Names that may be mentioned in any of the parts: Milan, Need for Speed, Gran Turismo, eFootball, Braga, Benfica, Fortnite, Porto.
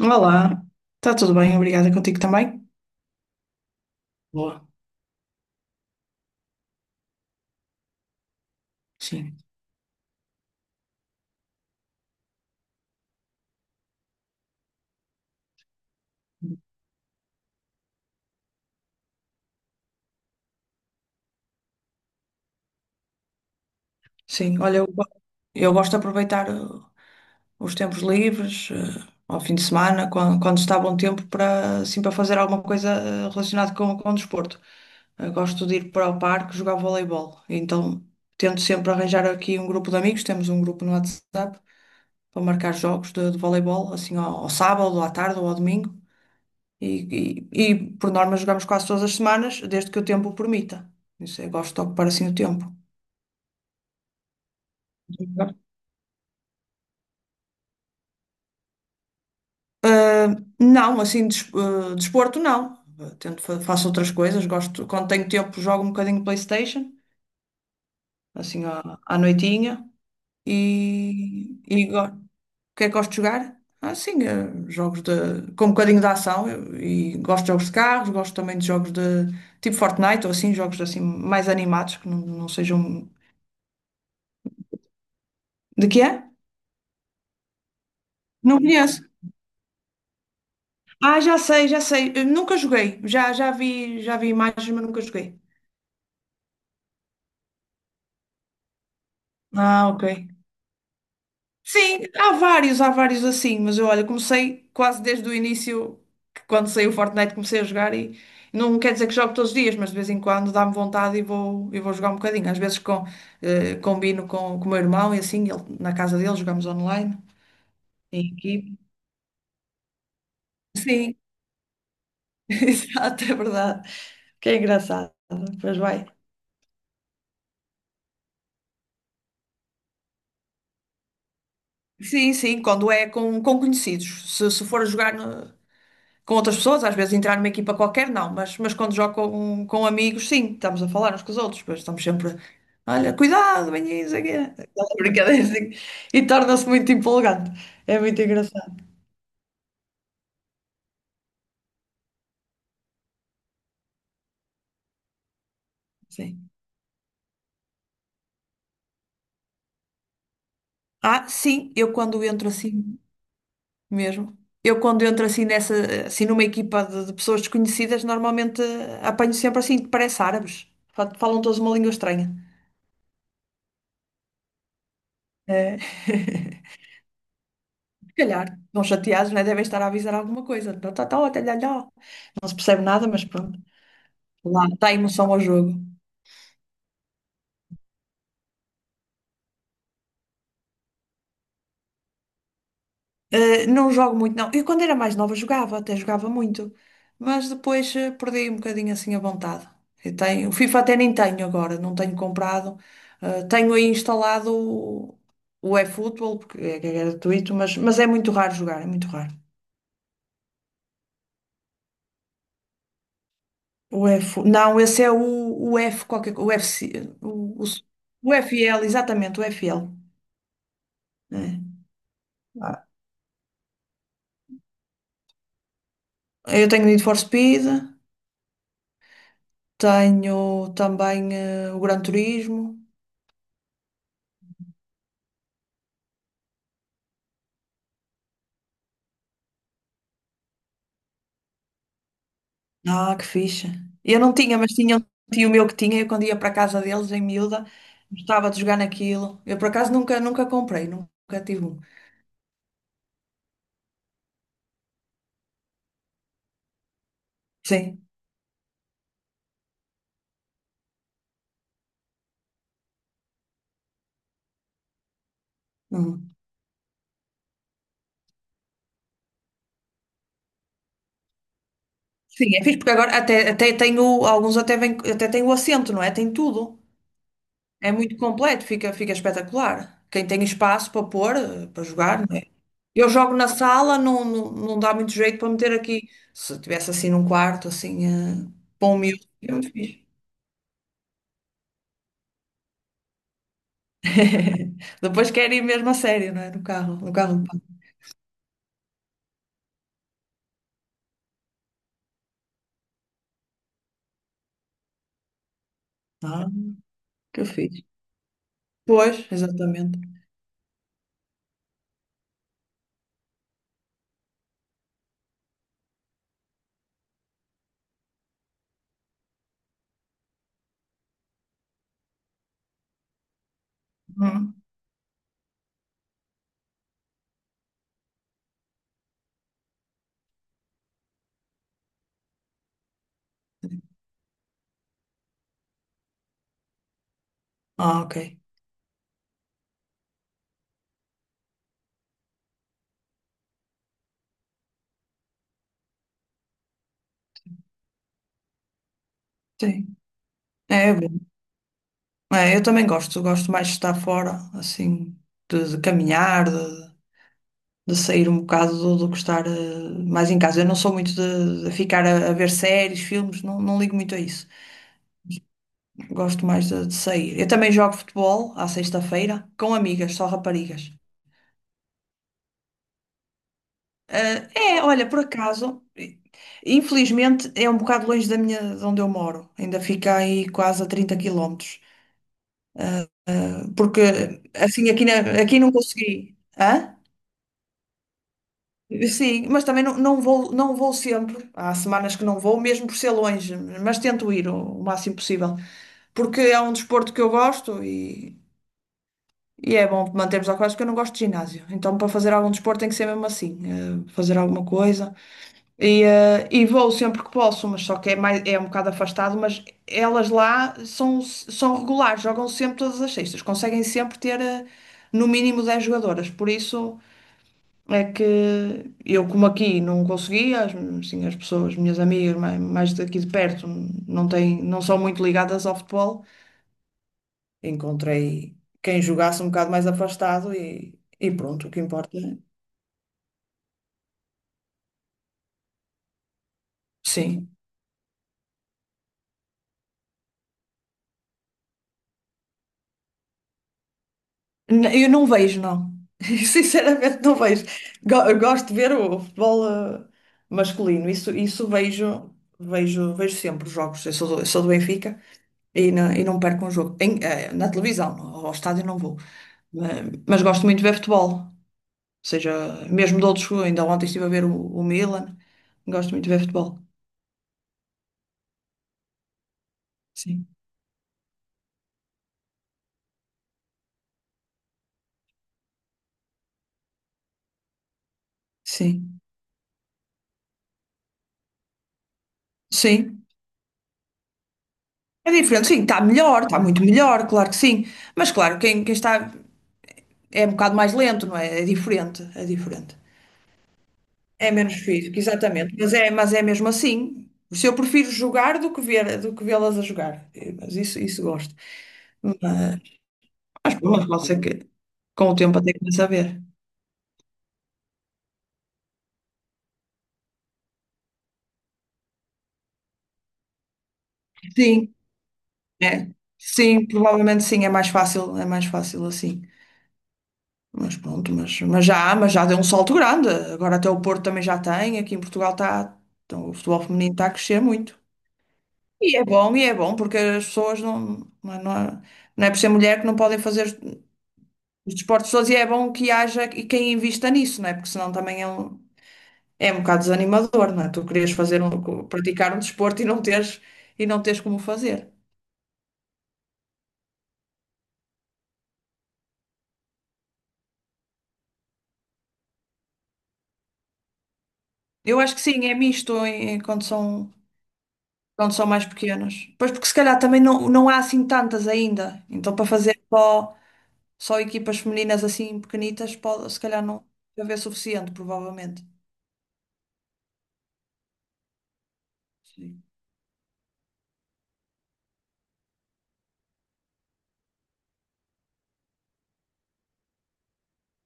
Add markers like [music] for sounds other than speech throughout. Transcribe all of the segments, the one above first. Olá, está tudo bem, obrigada, contigo também? Boa, sim. Sim, olha, eu gosto de aproveitar os tempos livres, ao fim de semana, quando está bom tempo, para, assim, para fazer alguma coisa relacionada com o desporto. Eu gosto de ir para o parque jogar voleibol, então tento sempre arranjar aqui um grupo de amigos, temos um grupo no WhatsApp, para marcar jogos de voleibol, assim, ao, ao sábado, ou à tarde ou ao domingo. E, e por norma jogamos quase todas as semanas, desde que o tempo o permita. Isso eu gosto de ocupar assim o tempo. Ah, não, assim, desporto não. Ah, tento, faço outras coisas. Gosto, quando tenho tempo, jogo um bocadinho PlayStation, assim à noitinha. E o que é que gosto de jogar? Ah, sim, ah, jogos de, com um bocadinho de ação. E gosto de jogos de carros, gosto também de jogos de tipo Fortnite ou assim, jogos assim mais animados que não sejam. De que é? Não conheço. Ah, já sei, já sei. Eu nunca joguei. Já vi imagens, mas nunca joguei. Ah, ok. Sim, há vários assim, mas eu, olha, comecei quase desde o início, que quando saiu o Fortnite comecei a jogar e não quer dizer que jogo todos os dias, mas de vez em quando dá-me vontade e vou jogar um bocadinho. Às vezes combino com o meu irmão e assim, na casa dele jogamos online, em equipe. Sim, [laughs] exato, é verdade. Que é engraçado. Pois vai. Sim, sim, quando é com conhecidos. Se for jogar com outras pessoas, às vezes entrar numa equipa qualquer, não, mas quando jogo com amigos, sim, estamos a falar uns com os outros, pois estamos sempre, olha, cuidado, bem isso aqui. Aquela [laughs] brincadeira assim, e torna-se muito empolgante. É muito engraçado, sim. Ah, sim, mesmo, eu quando entro assim nessa, assim numa equipa de pessoas desconhecidas, normalmente apanho sempre assim, que parece árabes. Falam todos uma língua estranha. É. [laughs] Calhar, não chateados, né? Devem estar a avisar alguma coisa. Tó, tó, tal, até lá, lá. Não se percebe nada, mas pronto. Lá está a emoção ao jogo. Eh, não jogo muito, não. Eu quando era mais nova jogava, até jogava muito. Mas depois perdi um bocadinho assim a vontade. Eu tenho, o FIFA até nem tenho agora, não tenho comprado. Tenho aí instalado o eFootball, porque é gratuito, mas é muito raro jogar, é muito raro. O F, não, esse é o F, qualquer, o FC, o F L, exatamente, o F L. Eh, Ah, Eu tenho Need for Speed, tenho também o Gran Turismo. Ah, que fixe. Eu não tinha, mas tinha um tio meu que tinha, eu quando ia para a casa deles em miúda, gostava de jogar naquilo. Eu por acaso nunca comprei, nunca tive um. Sim. Uhum. Sim, é fixe, porque agora até tenho alguns, até vem, até tenho o assento, não é? Tem tudo. É muito completo, fica espetacular. Quem tem espaço para pôr, para jogar, não é? Eu jogo na sala, não dá muito jeito para meter aqui. Se tivesse assim num quarto, assim, eh, para um miúdo, é muito fixe. [laughs] Depois quero ir mesmo a sério, não é? No carro, no carro do pai. Ah, que fixe. Pois, exatamente. Hum. Ah, ok. Sim, é, é bom. É, eu também gosto, gosto mais de estar fora, assim, de caminhar, de sair um bocado do que estar mais em casa. Eu não sou muito de ficar a ver séries, filmes, não ligo muito a isso. Gosto mais de sair. Eu também jogo futebol à sexta-feira com amigas, só raparigas. Ah, é, olha, por acaso, infelizmente é um bocado longe da minha, de onde eu moro. Ainda fica aí quase a 30 quilómetros. Porque assim aqui, aqui não consegui. Hã? Sim, mas também não vou sempre. Há semanas que não vou, mesmo por ser longe, mas tento ir o máximo possível. Porque é um desporto que eu gosto e é bom mantermos a coisa porque eu não gosto de ginásio. Então, para fazer algum desporto tem que ser mesmo assim, fazer alguma coisa. E vou sempre que posso, mas só que é, mais, é um bocado afastado, mas elas lá são, são regulares, jogam sempre todas as sextas, conseguem sempre ter, no mínimo 10 jogadoras. Por isso. É que eu, como aqui não consegui, as pessoas, minhas amigas mais daqui de perto, não têm, não são muito ligadas ao futebol, encontrei quem jogasse um bocado mais afastado e pronto, o que importa. É... Sim. N- eu não vejo, não. [laughs] Sinceramente, não vejo. Gosto de ver o futebol masculino, isso vejo, vejo sempre os jogos. Eu sou do Benfica, e não perco um jogo. Na televisão, ao estádio não vou. Eh, Mas gosto muito de ver futebol. Ou seja, mesmo de outros, ainda ontem estive a ver o Milan. Gosto muito de ver futebol. Sim, sim, sim. É diferente, sim, está melhor, está muito melhor, claro que sim. Mas claro, quem está é um bocado mais lento, não é? É diferente, é diferente. É menos físico, exatamente. Mas é mesmo assim. Se eu prefiro jogar do que ver, do que vê-las a jogar. Eh, mas isso gosto. Mas, mas pronto, pode ser que com o tempo até começa a ver. Sim, é. Sim, provavelmente sim, é mais fácil assim. Mas pronto, mas já, há, mas já deu um salto grande. Agora até o Porto também já tem, aqui em Portugal está, então, o futebol feminino está a crescer muito. E é bom, porque as pessoas não é por ser mulher que não podem fazer os desportos todos, e é bom que haja e quem invista nisso, não é? Porque senão também é um bocado desanimador, não é? Tu querias fazer um, praticar um desporto e e não teres como fazer. Eu acho que sim, é misto quando são, mais pequenos. Pois, porque se calhar também não há assim tantas ainda. Então para fazer só equipas femininas assim pequenitas, pode, se calhar não vai haver suficiente, provavelmente. Sim.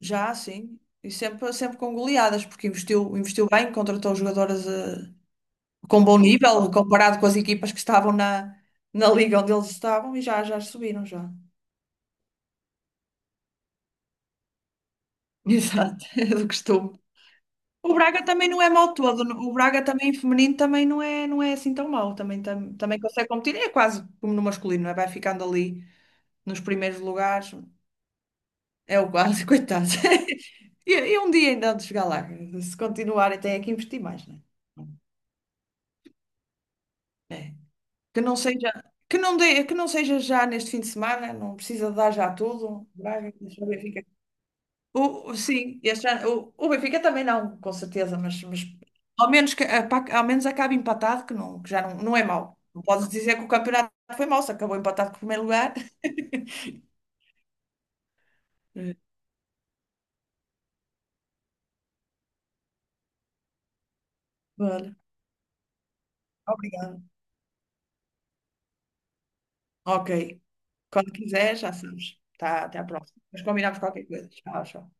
Já, sim. E sempre, sempre com goleadas, porque investiu bem, contratou jogadoras com bom nível comparado com as equipas que estavam na liga onde eles estavam e já subiram já. Exato, [laughs] é do costume. O Braga também não é mau todo. O Braga também feminino também não é, não é assim tão mau. Também, tam- também consegue competir. É quase como no masculino, não é? Vai ficando ali nos primeiros lugares. É o quase, [laughs] coitado. E um dia ainda há de chegar lá. Se continuarem, têm que investir mais, não é? Que não seja, que não dê, que não seja já neste fim de semana, não precisa dar já tudo. Braga, deixa o Benfica. O, o, sim, este ano, o Benfica também não, com certeza, mas ao menos, que, pá, ao menos acabe empatado, que, não, que já não, não é mau. Não podes dizer que o campeonato foi mau, se acabou empatado com o primeiro lugar. Eh, Vale. Obrigada. Ok. Quando quiser, já sabes. Tá, até à próxima. Mas combinamos qualquer coisa. Tchau, tchau.